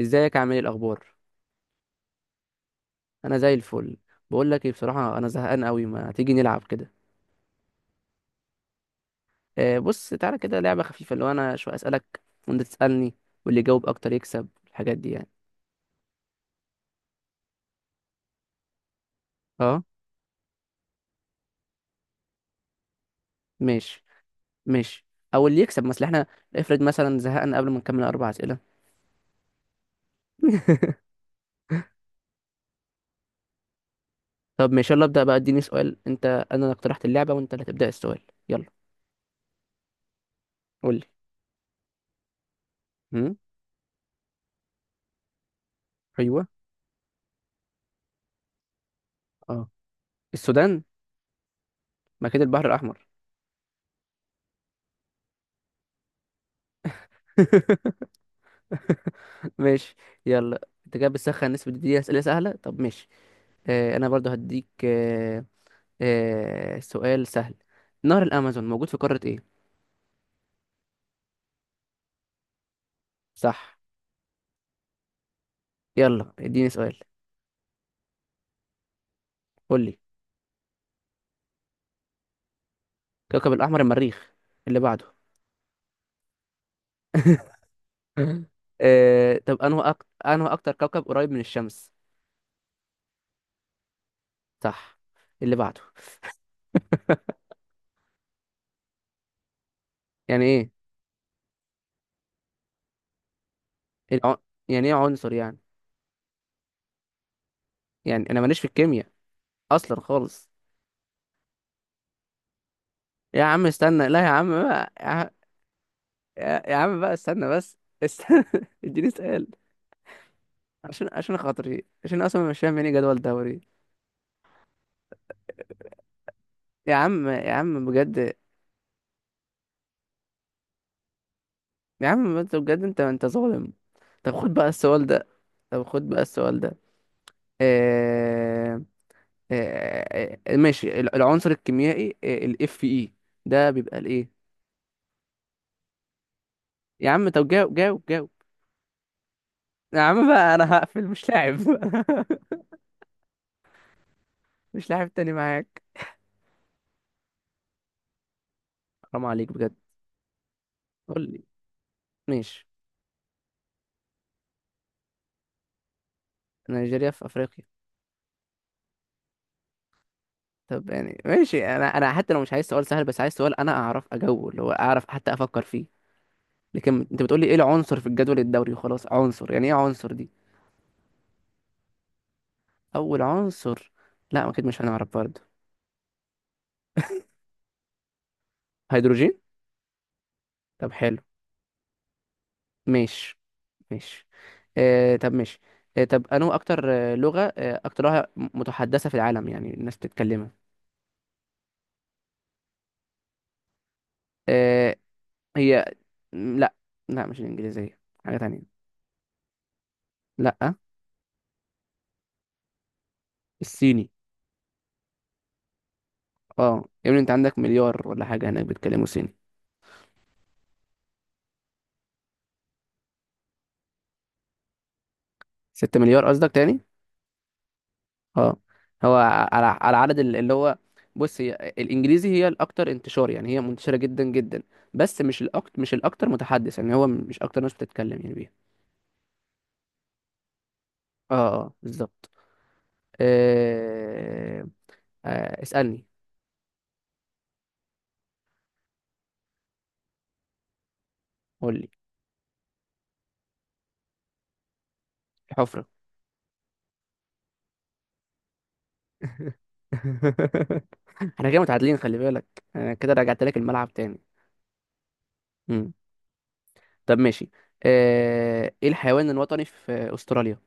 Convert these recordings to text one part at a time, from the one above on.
ازيك، عامل ايه، الاخبار؟ انا زي الفل. بقول لك ايه، بصراحه انا زهقان قوي، ما تيجي نلعب كده؟ آه، بص تعالى كده، لعبه خفيفه، اللي هو انا شويه اسالك، وانت تسالني، واللي يجاوب اكتر يكسب، الحاجات دي يعني. اه. ماشي، ماشي. او اللي يكسب مثلا احنا، افرض مثلا زهقنا قبل ما نكمل 4 اسئله. طب ماشي، يلا ابدا بقى، اديني سؤال. انت، انا اللي اقترحت اللعبه، وانت اللي تبدا السؤال. يلا. قول لي. هم؟ ايوه. اه. السودان. ما كده البحر الاحمر. ماشي. يلا، انت كده بتسخن، نسبة دي أسئلة سهلة، طب ماشي. آه، انا برضو هديك. آه، سؤال سهل. نهر الأمازون موجود في قارة ايه؟ صح. يلا، اديني سؤال. قول لي. كوكب الأحمر المريخ. اللي بعده. آه، طب انه اكتر كوكب قريب من الشمس؟ صح. اللي بعده. يعني ايه الع... يعني ايه عنصر يعني؟ يعني انا ماليش في الكيمياء اصلا خالص. يا عم استنى، لا يا عم بقى. يا عم بقى، استنى بس استنى. اديني سؤال. عشان خاطري، عشان اصلا مش فاهم يعني إيه جدول دوري. يا عم، يا عم، بجد. يا عم انت بجد، انت ظالم. طب خد بقى السؤال ده. طب خد بقى السؤال ده. آه... آه... ماشي العنصر الكيميائي الاف اي، ده بيبقى الايه؟ يا عم طب جاوب جاوب جاوب. يا عم بقى، انا هقفل، مش لاعب. مش لاعب تاني معاك. حرام عليك بجد. قول لي. ماشي. نيجيريا في افريقيا. طب يعني ماشي، انا حتى لو مش عايز سؤال سهل، بس عايز سؤال انا اعرف اجاوبه، اللي هو اعرف، حتى افكر فيه. لكن انت بتقولي ايه العنصر في الجدول الدوري وخلاص، عنصر يعني ايه، عنصر دي؟ اول عنصر. لا، اكيد مش هنعرف برضه. هيدروجين. طب حلو. ماشي. ماشي. آه طب ماشي. آه، طب انو اكتر آه، لغة آه اكتر لغة متحدثة في العالم، يعني الناس بتتكلمها؟ آه. هي. لا. لا، مش الانجليزية. حاجة تانية. لا، الصيني. اه، يعني انت عندك مليار ولا حاجة هناك بيتكلموا صيني. 6 مليار قصدك تاني. اه. هو. على عدد اللي هو. بص، هي الانجليزي هي الاكتر انتشار، يعني هي منتشره جدا جدا. بس مش الاكتر، مش الاكتر متحدث، يعني هو مش اكتر ناس بتتكلم يعني بيها. اه. اه بالظبط. آه... اسالني. قول لي. الحفره. احنا كده متعادلين، خلي بالك. انا كده رجعت لك الملعب تاني. مم. طب ماشي. ايه الحيوان الوطني في استراليا؟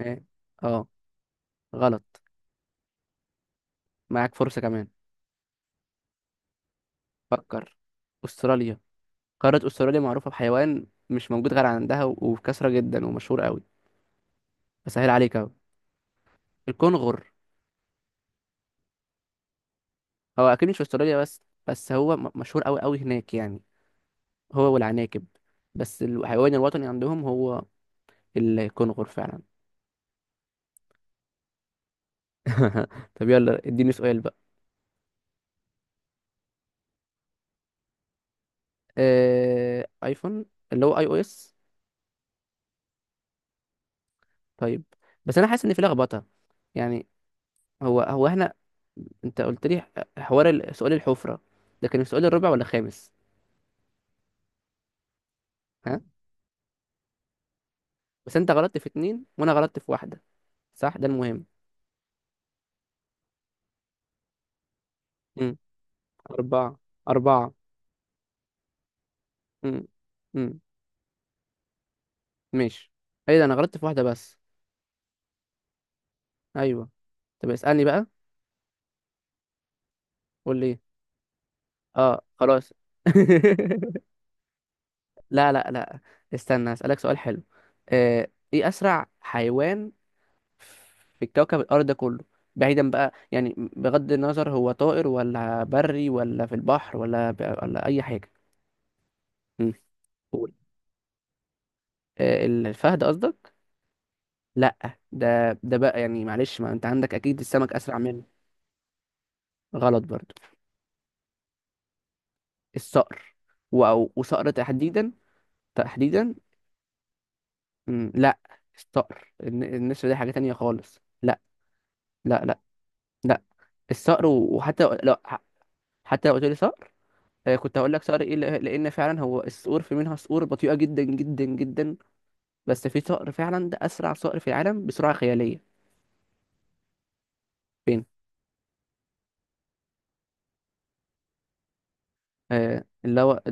اه. آه، غلط. معاك فرصه كمان. فكر. استراليا. قارة استراليا معروفة بحيوان مش موجود غير عندها وبكثرة جدا ومشهور قوي. بسهل عليك اهو. الكونغر. هو اكيد مش في استراليا بس. بس هو مشهور قوي قوي هناك يعني. هو والعناكب. بس الحيوان الوطني عندهم هو الكونغر فعلا. طب يلا اديني سؤال بقى. ايفون، اللي هو اي او اس. طيب. بس انا حاسس ان في لخبطة، يعني. هو احنا، انت قلت لي حوار سؤال الحفرة، ده كان في سؤال الرابع ولا الخامس؟ ها. بس انت غلطت في اتنين وانا غلطت في واحدة، صح ده المهم. امم. أربعة. أربعة. امم. امم. ماشي. ايه ده، انا غلطت في واحدة بس. ايوه. طب اسألني بقى. قول لي. اه خلاص. لا، لا، لا. استنى، اسألك سؤال حلو. آه، ايه اسرع حيوان في كوكب الارض ده كله؟ بعيدا بقى، يعني بغض النظر هو طائر ولا بري ولا في البحر، ولا ولا اي حاجة. امم. قول. الفهد قصدك؟ لا، ده بقى يعني معلش، ما انت عندك اكيد السمك اسرع منه. غلط برضو. الصقر، أو وصقر تحديدا، تحديدا. لا. الصقر، النسر ده حاجة تانية خالص، لا. لا. لا. لا. الصقر، وحتى لو حتى لو قلت لي صقر. كنت هقول لك صقر ايه، لان فعلا هو الصقور في منها صقور بطيئة جدا جدا جدا. بس في صقر فعلا، ده اسرع صقر في العالم بسرعة خيالية. فين؟ اللي هو،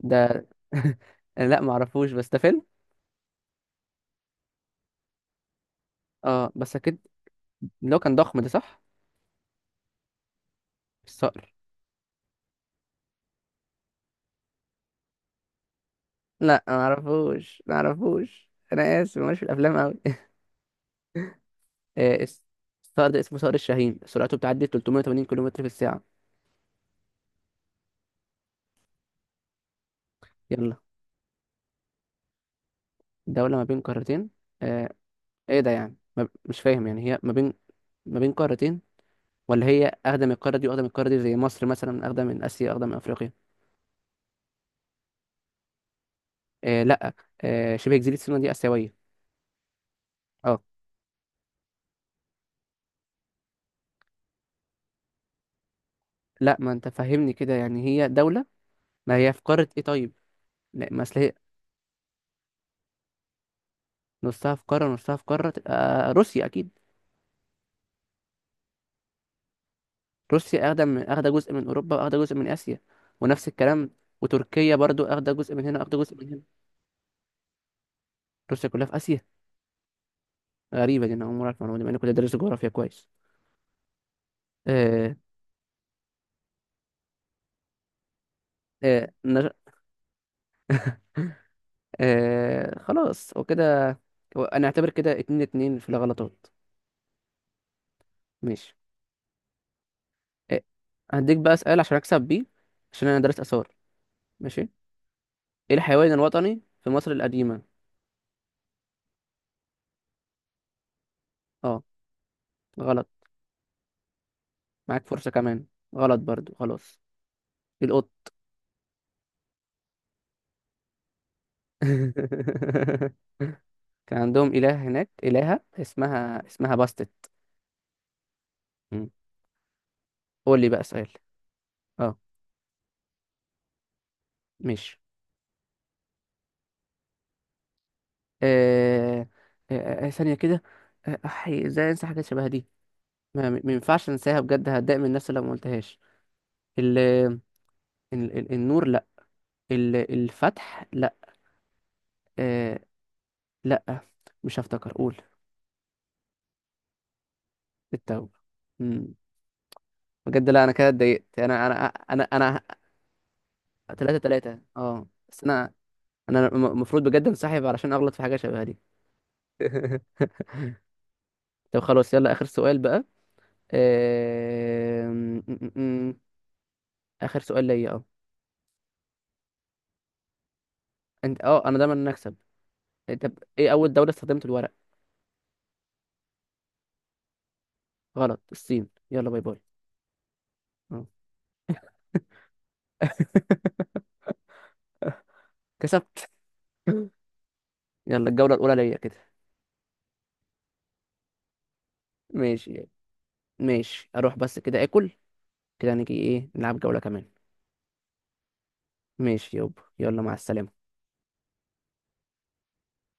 ده. لا، معرفوش بس ده فيلم. اه بس اكيد، اللي هو كان ضخم ده، صح؟ الصقر. لا، ما اعرفوش انا اسف ماليش في الافلام قوي. آه الس- الصقر ده اسمه صقر الشاهين، سرعته بتعدي 380 كيلومتر في الساعة. يلا. دولة ما بين قارتين. آه. ايه ده يعني ما ب... مش فاهم يعني، هي ما بين، ما بين قارتين، ولا هي اخدة من القارة دي واخدة من القارة دي، زي مصر مثلا اخدة من اسيا اخدة من افريقيا. آه لا. آه، شبه جزيرة سيناء دي اسيوية. اه. لا، ما انت فهمني كده يعني، هي دولة. ما هي في قارة ايه طيب؟ لا، ما اصل هي نصها في قارة ونصها في قارة تبقى روسيا أكيد. روسيا أخدة جزء من أوروبا، وأخدة جزء من آسيا، ونفس الكلام. وتركيا برضو أخدة جزء من هنا أخدة جزء من هنا. روسيا كلها في آسيا. غريبة دي، أنا أول مرة أعرف المعلومة دي، مع إني كنت دارس جغرافيا كويس. آه. آه نج... خلاص وكده. هو أنا أعتبر كده اتنين، اتنين في الغلطات. ماشي. آه، هديك بقى سؤال عشان أكسب بيه، عشان أنا دارس آثار. ماشي. إيه الحيوان الوطني في مصر القديمة؟ أه. غلط. معاك فرصة كمان. غلط برضو، خلاص. القط. كان عندهم إله هناك إلهة، اسمها باستت. مم. قول لي بقى سؤال. اه. ماشي. آه... ثانية كده. أحي، ازاي انسى حاجات شبه دي. ما ينفعش انساها، بجد هتضايق من نفسي لو ما قلتهاش. ال... ال... النور، لا. الفتح، لا. آه... لا، مش هفتكر، قول. التوبة. مم. بجد لا، انا كده اتضايقت، انا. ثلاثة، ثلاثة، اه بس انا، انا المفروض بجد انسحب علشان اغلط في حاجة شبه دي. طب خلاص، يلا اخر سؤال بقى. آم، م- م- م. اخر سؤال ليا، اه. انت، انا دايما نكسب. طب ايه اول دولة استخدمت الورق؟ غلط، الصين، يلا باي باي. اه. كسبت. يلا، الجولة الأولى ليا كده. ماشي. ماشي، أروح بس كده آكل. كده نيجي إيه، نلعب جولة كمان؟ ماشي يابا، يلا مع السلامة.